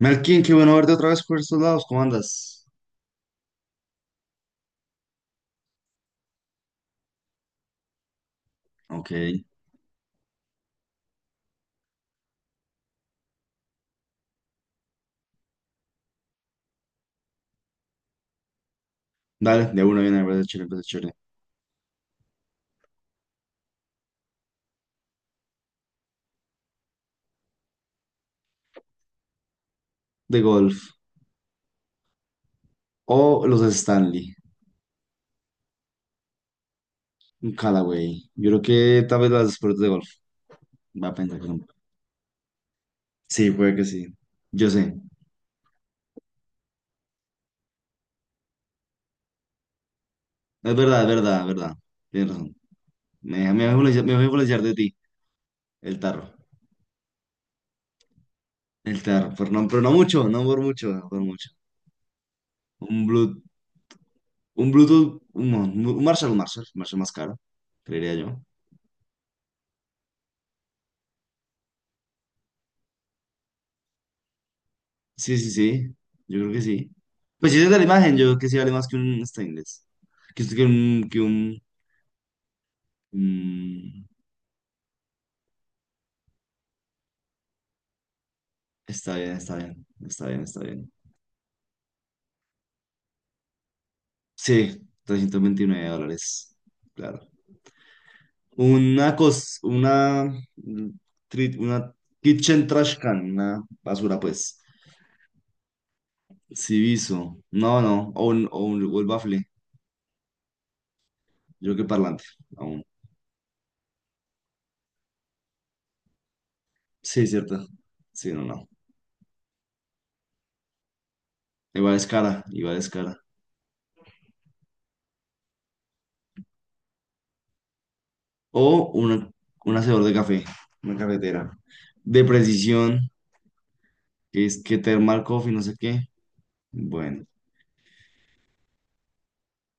Melkin, qué bueno verte otra vez por estos lados. ¿Cómo andas? Ok, dale, de una viene, me parece chévere, me parece chévere. De golf. O los Stanley, un Callaway. Yo creo que tal vez las deportes de golf. Va a pensar que son. Sí, puede que sí. Yo sé. Es verdad, es verdad, es verdad. Tienes razón. Me, voy a influenciar me voy a influenciar de ti, el tarro. El tarro, pero no mucho, no por mucho, no por mucho. Un Bluetooth, un Bluetooth, un Marshall más caro, creería yo. Sí, sí, sí. Yo creo que sí. Pues si es de la imagen, yo creo que sí vale más que un stainless. Que, que un, que un, mm, Está bien, está bien. Está bien, está bien. Sí, $329. Claro. Una cos... Una... mm, tri- Una kitchen trash can. Una basura, pues. Civiso. No, no. O el bafle. Yo creo que parlante. Aún. Sí, cierto. Sí, no, no. Igual es cara. Igual es cara. O una un hacedor de café, una cafetera. De precisión, que es que Thermal Coffee, no sé qué. Bueno,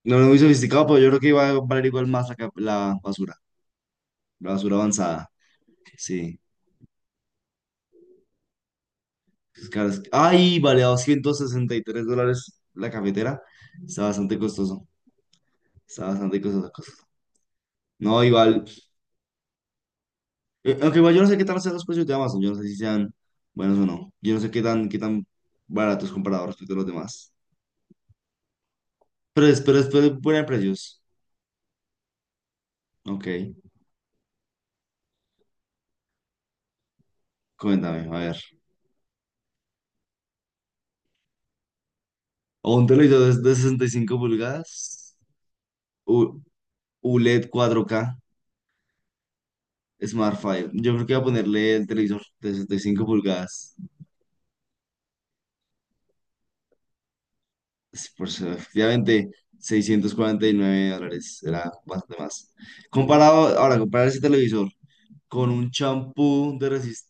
no es muy sofisticado, pero yo creo que iba a valer igual más la, la basura avanzada. Sí. Es caro, ¡ay! Vale a $263 la cafetera. Está bastante costoso. Está bastante costoso. No, igual. Aunque igual yo no sé qué tal sean los precios de Amazon. Yo no sé si sean buenos o no. Yo no sé qué tan baratos comparados respecto a los demás. Pero es buena en precios. Ok, cuéntame, a ver. O un televisor de, 65 pulgadas, U- ULED 4K Smartfire. Yo creo que voy a ponerle el televisor de 65 pulgadas. Efectivamente, $649 era más de más. Comparado, ahora, comparar ese televisor con un champú de resist,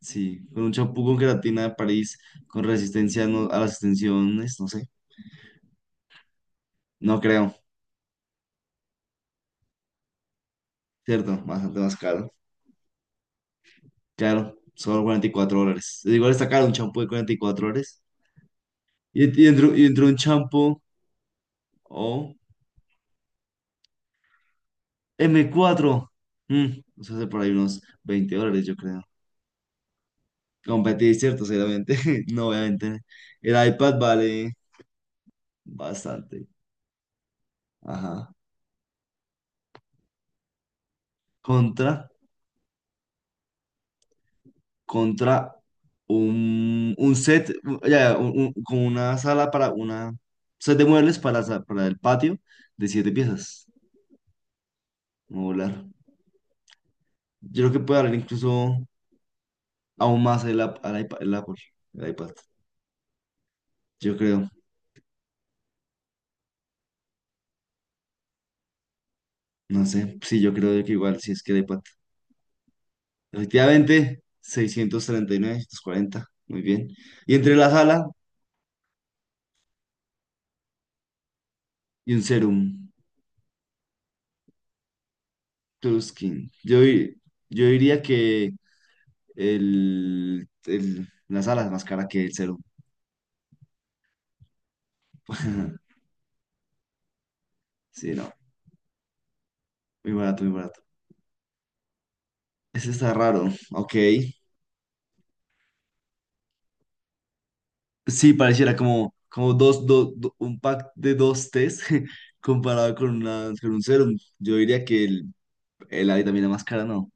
sí, con un champú con queratina de París, con resistencia a las extensiones, no sé. No creo, ¿cierto? Bastante más caro. Claro, solo $44. Igual está caro un champú de $44. Y entre un champú o M4. mm, Eso hace por ahí unos $20, yo creo. Competir, ¿cierto? Seguramente. No, obviamente. El iPad vale bastante. Ajá. Contra, Contra un set, como una sala para una set de muebles para el patio de siete piezas modular. Yo creo que puede haber incluso. Aún más el, al iPad, el Apple, el iPad, yo creo, no sé, sí, yo creo que igual, si es que el iPad, efectivamente, 639, 640, muy bien, y entre la sala y un serum. Skin, yo diría que la sala es más cara que el serum. Sí, no, muy barato, ese está raro, ok. Sí, pareciera como dos, un pack de dos test. Comparado con, una, con un serum, yo diría que el Ali también la máscara, no.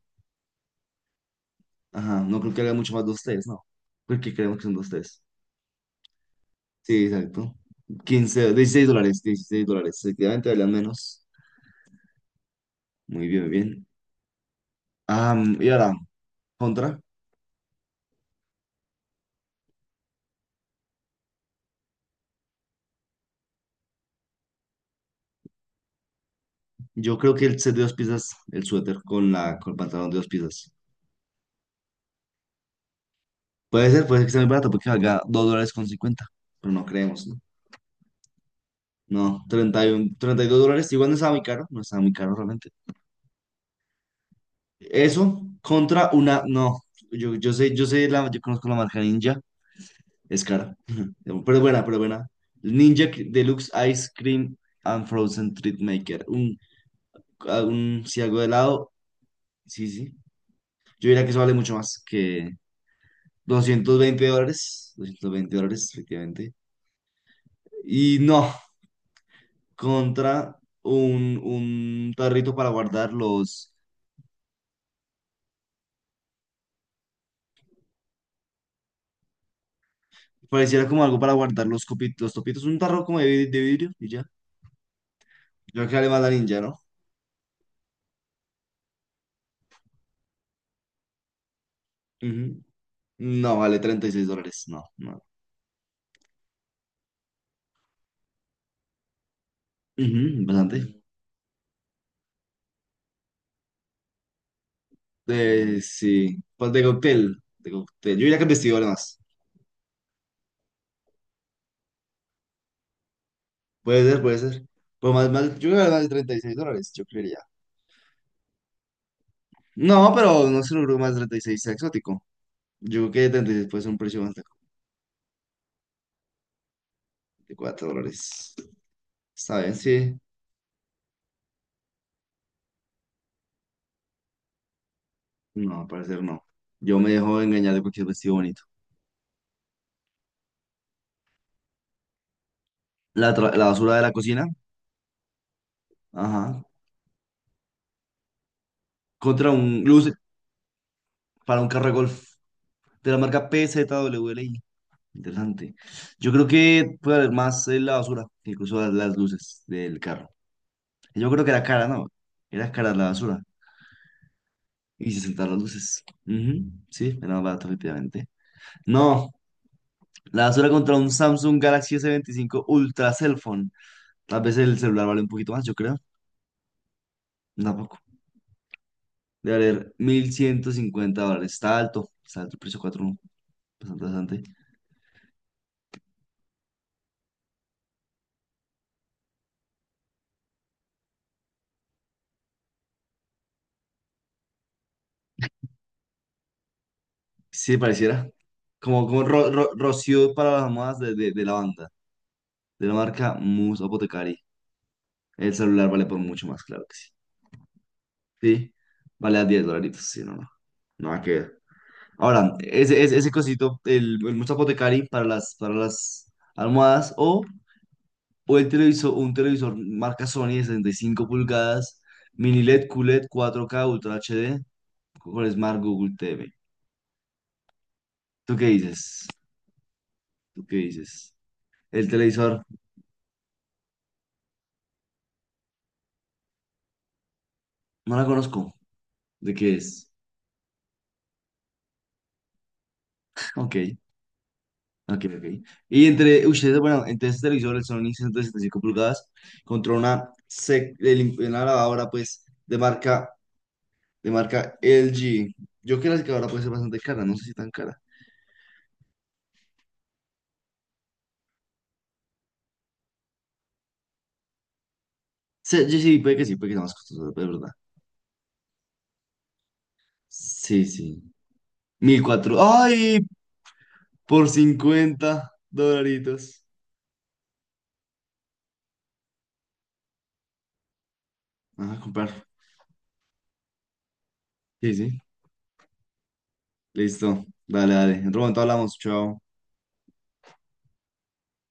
Ajá, no creo que haga mucho más de ustedes, no. Porque creemos que son de ustedes. Sí, exacto. 15, $16, $16. Efectivamente, valían menos. Muy bien, muy bien. Ah, y ahora, contra. Yo creo que el set de dos piezas, el suéter con el pantalón de dos piezas. Puede ser que sea muy barato porque valga $2.50. Pero no creemos, ¿no? No, 31, $32. Igual no estaba muy caro, no estaba muy caro realmente. Eso contra una, no. Yo conozco la marca Ninja. Es cara, pero es buena, pero es buena. Ninja Deluxe Ice Cream and Frozen Treat Maker. Un si algo de helado, sí, sí. Yo diría que eso vale mucho más que $220. $220, efectivamente. Y no, contra un tarrito para guardar los. Pareciera como algo para guardar los copitos, los topitos. Un tarro como de, de vidrio y ya. Yo creo que vale más la ninja, ¿no? Ujú. No, vale $36. No, no. Ujú, bastante. Sí, pues de cóctel, de cóctel. Yo iría con vestido más. Puede ser, puede ser. Pues más, más, yo creo que más de $36, yo creería. No, pero no se creo que más de 36 sea exótico. Yo creo que 36 puede ser un precio más de $4. ¿Está bien? Sí. No, al parecer no. Yo me dejo engañar de cualquier vestido bonito. La, la basura de la cocina, ajá. Contra un luz para un carro de golf de la marca PZWLI. Interesante. Yo creo que puede haber más en la basura, incluso las luces del carro. Yo creo que era cara, ¿no? Era cara la basura. Y se sentaron las luces. Ujú, sí, era más barato, efectivamente. No, la basura contra un Samsung Galaxy S25 Ultra Cell Phone. Tal vez el celular vale un poquito más, yo creo. Tampoco. Debe valer $1.150. Está alto. Está alto el precio 4. Bastante, bastante. Sí, pareciera. Como Rocío para las modas de la banda, de la marca Mus Apothecary. El celular vale por mucho más, claro que sí. Sí, vale a 10 dolaritos, sí, no, no. Nada que ver. Ahora, ese cosito, el Mus Apothecary para las almohadas o el televisor, un televisor marca Sony de 65 pulgadas, mini LED, QLED, 4K Ultra HD, con Smart Google TV. ¿Tú qué dices? ¿Tú qué dices? El televisor, no la conozco. ¿De qué es? Ok, ok, ok. Y entre ustedes, bueno, entre este televisor, el Sony 175 pulgadas, contra una lavadora, pues, de marca, LG. Yo creo que la secadora puede ser bastante cara, no sé si tan cara. Sí, sí, sí, puede que sea más costosa, pero es verdad. Sí, sí. 1.004. ¡Ay! Por 50 dolaritos. Vamos a comprar. Sí, sí. Listo. Dale, dale. En otro momento hablamos. Chao.